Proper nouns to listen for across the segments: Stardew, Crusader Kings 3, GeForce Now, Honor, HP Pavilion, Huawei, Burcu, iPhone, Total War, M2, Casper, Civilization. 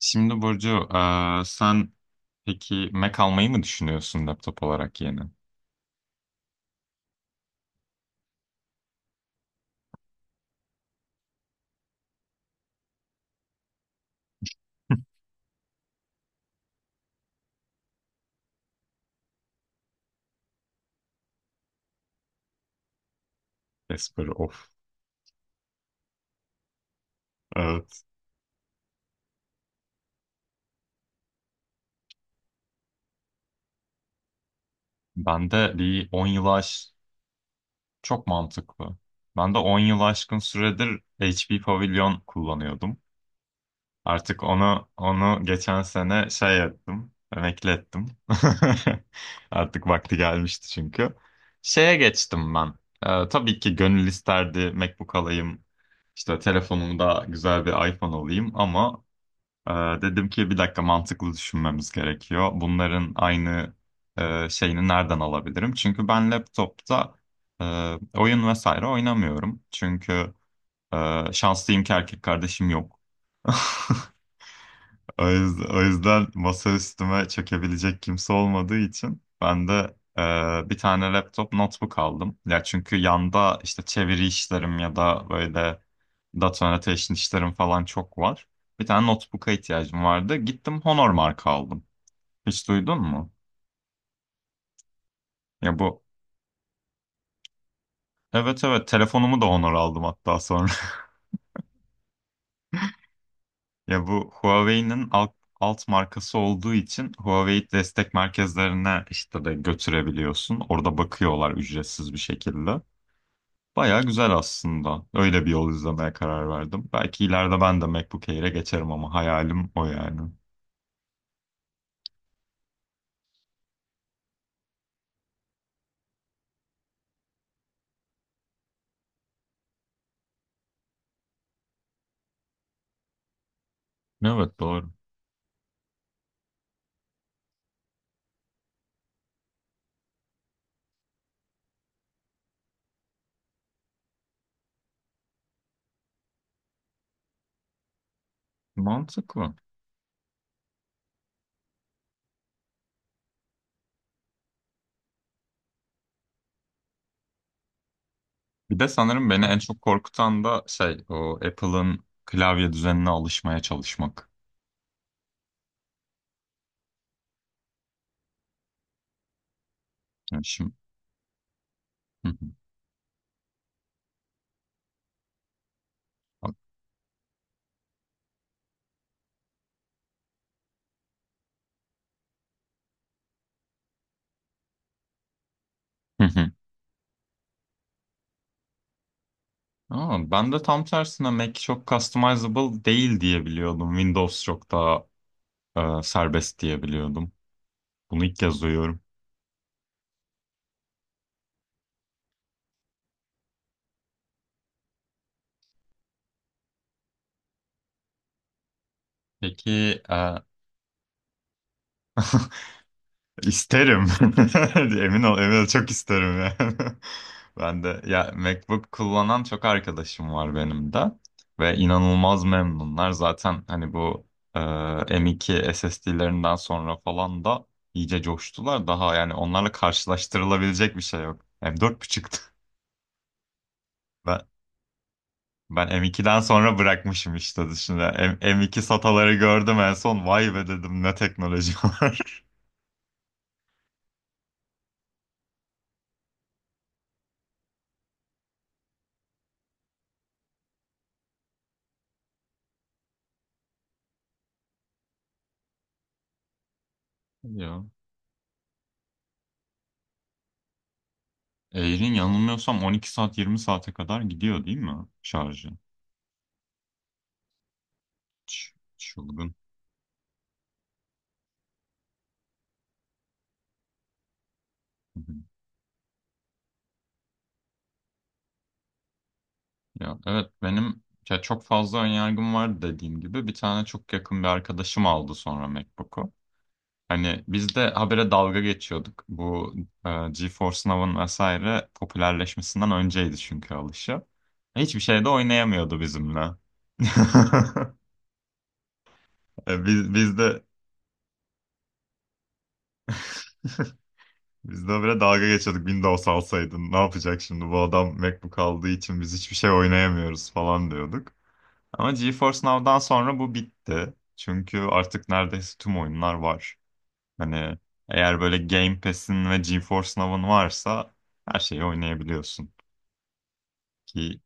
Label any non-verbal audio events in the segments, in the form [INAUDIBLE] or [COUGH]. Şimdi Burcu, sen peki Mac almayı mı düşünüyorsun laptop olarak yeni? Casper of. Evet. Ben de bir 10 yılı aş Çok mantıklı. Ben de 10 yıl aşkın süredir HP Pavilion kullanıyordum. Artık onu geçen sene şey ettim, emekli ettim. [LAUGHS] Artık vakti gelmişti çünkü. Şeye geçtim ben. Tabii ki gönül isterdi MacBook alayım. İşte telefonumda güzel bir iPhone alayım ama Ee, dedim ki bir dakika mantıklı düşünmemiz gerekiyor. Bunların aynı şeyini nereden alabilirim? Çünkü ben laptopta e, oyun vesaire oynamıyorum. Çünkü şanslıyım ki erkek kardeşim yok. O yüzden, o yüzden masa üstüme çökebilecek kimse olmadığı için ben de bir tane laptop notebook aldım. Ya çünkü yanda işte çeviri işlerim ya da böyle data annotation işlerim falan çok var. Bir tane notebook'a ihtiyacım vardı. Gittim Honor marka aldım. Hiç duydun mu? Ya bu, evet, evet, telefonumu da Honor aldım hatta sonra. [LAUGHS] Ya bu Huawei'nin alt markası olduğu için Huawei destek merkezlerine işte de götürebiliyorsun. Orada bakıyorlar ücretsiz bir şekilde. Baya güzel aslında. Öyle bir yol izlemeye karar verdim. Belki ileride ben de MacBook Air'e geçerim ama hayalim o yani. Evet, doğru. Mantıklı. Bir de sanırım beni en çok korkutan da şey o Apple'ın klavye düzenine alışmaya çalışmak. Yani şimdi... Hı hı. Hı hı. Aa, ben de tam tersine Mac çok customizable değil diye biliyordum. Windows çok daha serbest diye biliyordum. Bunu ilk kez duyuyorum. Peki. [LAUGHS] İsterim. [LAUGHS] Emin ol, emin ol, çok isterim yani. [LAUGHS] Ben de ya MacBook kullanan çok arkadaşım var benim de ve inanılmaz memnunlar. Zaten hani bu e, M.2 SSD'lerinden sonra falan da iyice coştular. Daha yani onlarla karşılaştırılabilecek bir şey yok. M4.5. Ben, ben M2'den sonra bırakmışım işte dışında. M2 SATA'ları gördüm en son. Vay be dedim ne teknoloji var. [LAUGHS] Ya. Air'in yanılmıyorsam 12 saat 20 saate kadar gidiyor değil mi şarjı? Çılgın. Hı hı. Ya evet benim ya çok fazla önyargım var dediğim gibi. Bir tane çok yakın bir arkadaşım aldı sonra MacBook'u. Hani biz de habere dalga geçiyorduk. Bu GeForce Now'ın vesaire popülerleşmesinden önceydi çünkü alışı. Hiçbir şeyde oynayamıyordu bizimle. [LAUGHS] E, Biz, biz de biz de habere dalga geçiyorduk. Windows alsaydın ne yapacak şimdi bu adam MacBook aldığı için biz hiçbir şey oynayamıyoruz falan diyorduk. Ama GeForce Now'dan sonra bu bitti. Çünkü artık neredeyse tüm oyunlar var. Hani eğer böyle Game Pass'in ve GeForce Now'ın varsa her şeyi oynayabiliyorsun. Ki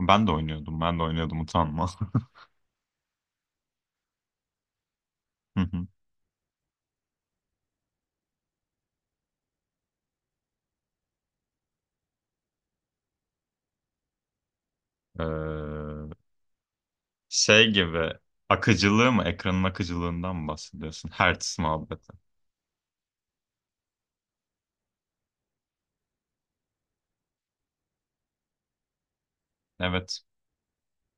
Ben de oynuyordum. Ben de oynuyordum, utanma. [LAUGHS] Hı hı. Ee, Şey gibi akıcılığı mı? Ekranın akıcılığından mı bahsediyorsun? Hertz muhabbeti. Evet.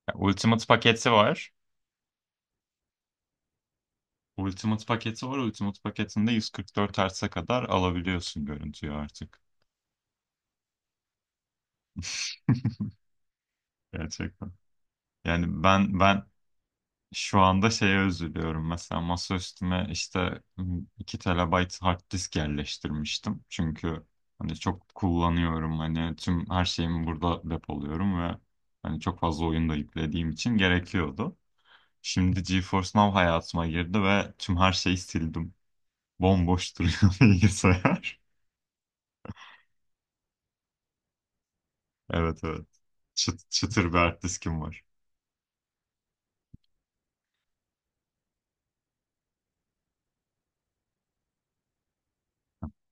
Ya, Ultimate paketi var. Ultimate paketi var. Ultimate paketinde 144 Hz'e kadar alabiliyorsun görüntüyü artık. Gerçekten. Yani ben şu anda şeye üzülüyorum mesela, masa üstüme işte 2 TB hard disk yerleştirmiştim. Çünkü hani çok kullanıyorum, hani tüm her şeyimi burada depoluyorum ve hani çok fazla oyun da yüklediğim için gerekiyordu. Şimdi GeForce Now hayatıma girdi ve tüm her şeyi sildim. Bomboş duruyor [LAUGHS] bilgisayar. Evet, evet. Çıtır bir hard diskim var.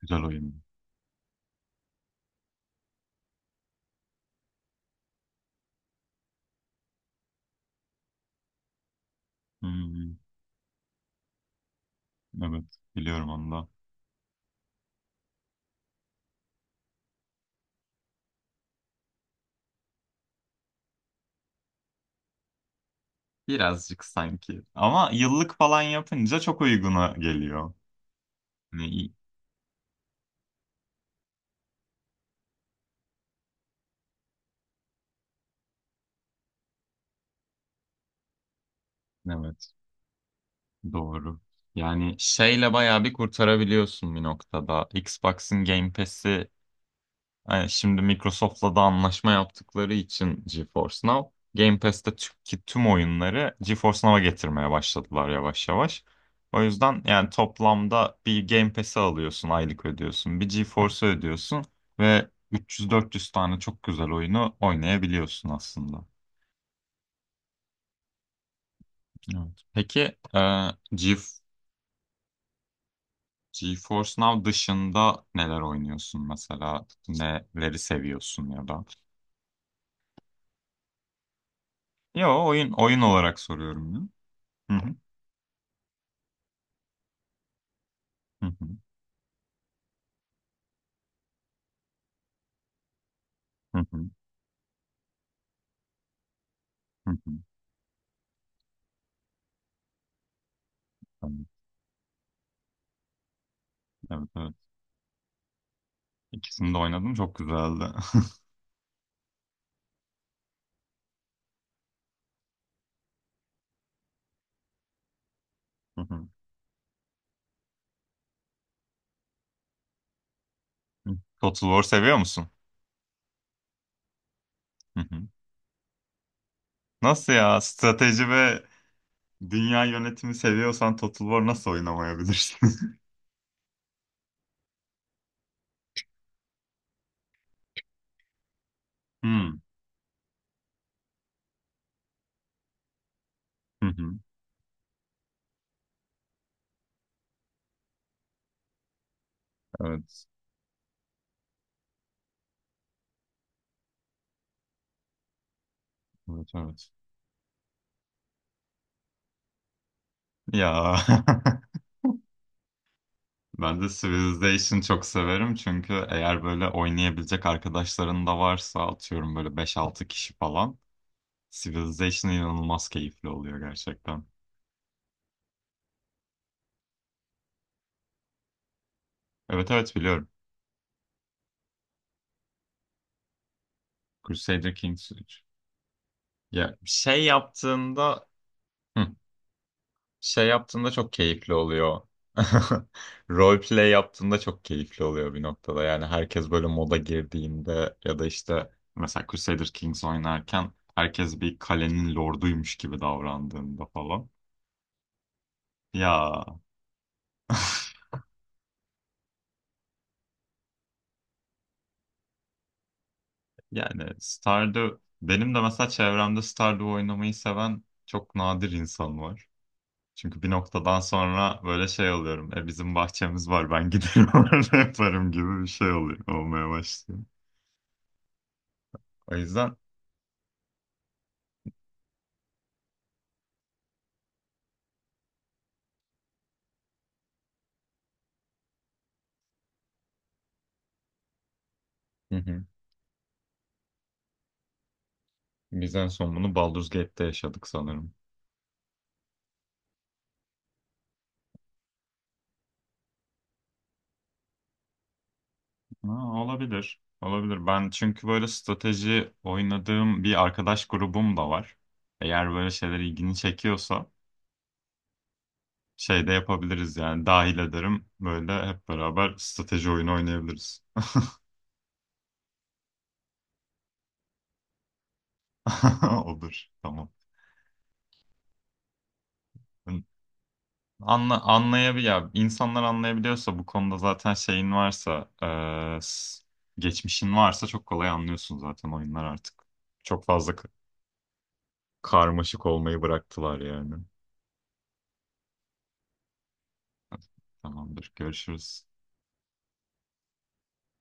Güzel oyun. Hmm, evet, biliyorum onu. Birazcık sanki. Ama yıllık falan yapınca çok uyguna geliyor. Hani iyi- evet, doğru. Yani şeyle bayağı bir kurtarabiliyorsun bir noktada. Xbox'ın Game Pass'i. Yani şimdi Microsoft'la da anlaşma yaptıkları için GeForce Now, Game Pass'teki tüm oyunları GeForce Now'a getirmeye başladılar yavaş yavaş. O yüzden yani toplamda bir Game Pass'i alıyorsun, aylık ödüyorsun, bir GeForce'u ödüyorsun ve 300-400 tane çok güzel oyunu oynayabiliyorsun aslında. Evet. Peki e, Ge GeForce Now dışında neler oynuyorsun mesela? Neleri seviyorsun ya da? Yo, oyun olarak soruyorum ya. Hı hı. Hı hı. Hı hı, hı hı. Tamam. Evet, evet. İkisini de oynadım. Çok güzeldi. [LAUGHS] Hı hı. Total War seviyor musun? Hı hı. Nasıl ya? Strateji ve dünya yönetimi seviyorsan Total War nasıl oynamayabilirsin? [LAUGHS] Hı hı. Hı. Evet. Evet, evet. Ya [LAUGHS] ben de Civilization çok severim, çünkü eğer böyle oynayabilecek arkadaşların da varsa, atıyorum böyle beş altı kişi falan, Civilization inanılmaz keyifli oluyor gerçekten. Evet, evet, biliyorum. Crusader Kings 3. Ya şey yaptığında, hı, şey yaptığında çok keyifli oluyor. [LAUGHS] Roleplay yaptığında çok keyifli oluyor bir noktada. Yani herkes böyle moda girdiğinde ya da işte, mesela Crusader Kings oynarken herkes bir kalenin lorduymuş gibi davrandığında falan. Ya [LAUGHS] yani Stardew, benim de mesela çevremde Stardew oynamayı seven çok nadir insan var. Çünkü bir noktadan sonra böyle şey oluyorum. E, bizim bahçemiz var, ben giderim [LAUGHS] orada yaparım gibi bir şey oluyor. Olmaya başlıyor. O yüzden. Hı hı. Biz en son bunu Baldur's Gate'te yaşadık sanırım. Ha, olabilir. Olabilir. Ben çünkü böyle strateji oynadığım bir arkadaş grubum da var. Eğer böyle şeyler ilgini çekiyorsa, şey de yapabiliriz yani, dahil ederim. Böyle hep beraber strateji oyunu oynayabiliriz. [LAUGHS] Olur. Tamam. Anla, anlayabil Ya, insanlar anlayabiliyorsa bu konuda zaten şeyin varsa, e, s- geçmişin varsa çok kolay anlıyorsun zaten oyunlar artık. Çok fazla karmaşık olmayı bıraktılar yani. Tamamdır. Görüşürüz.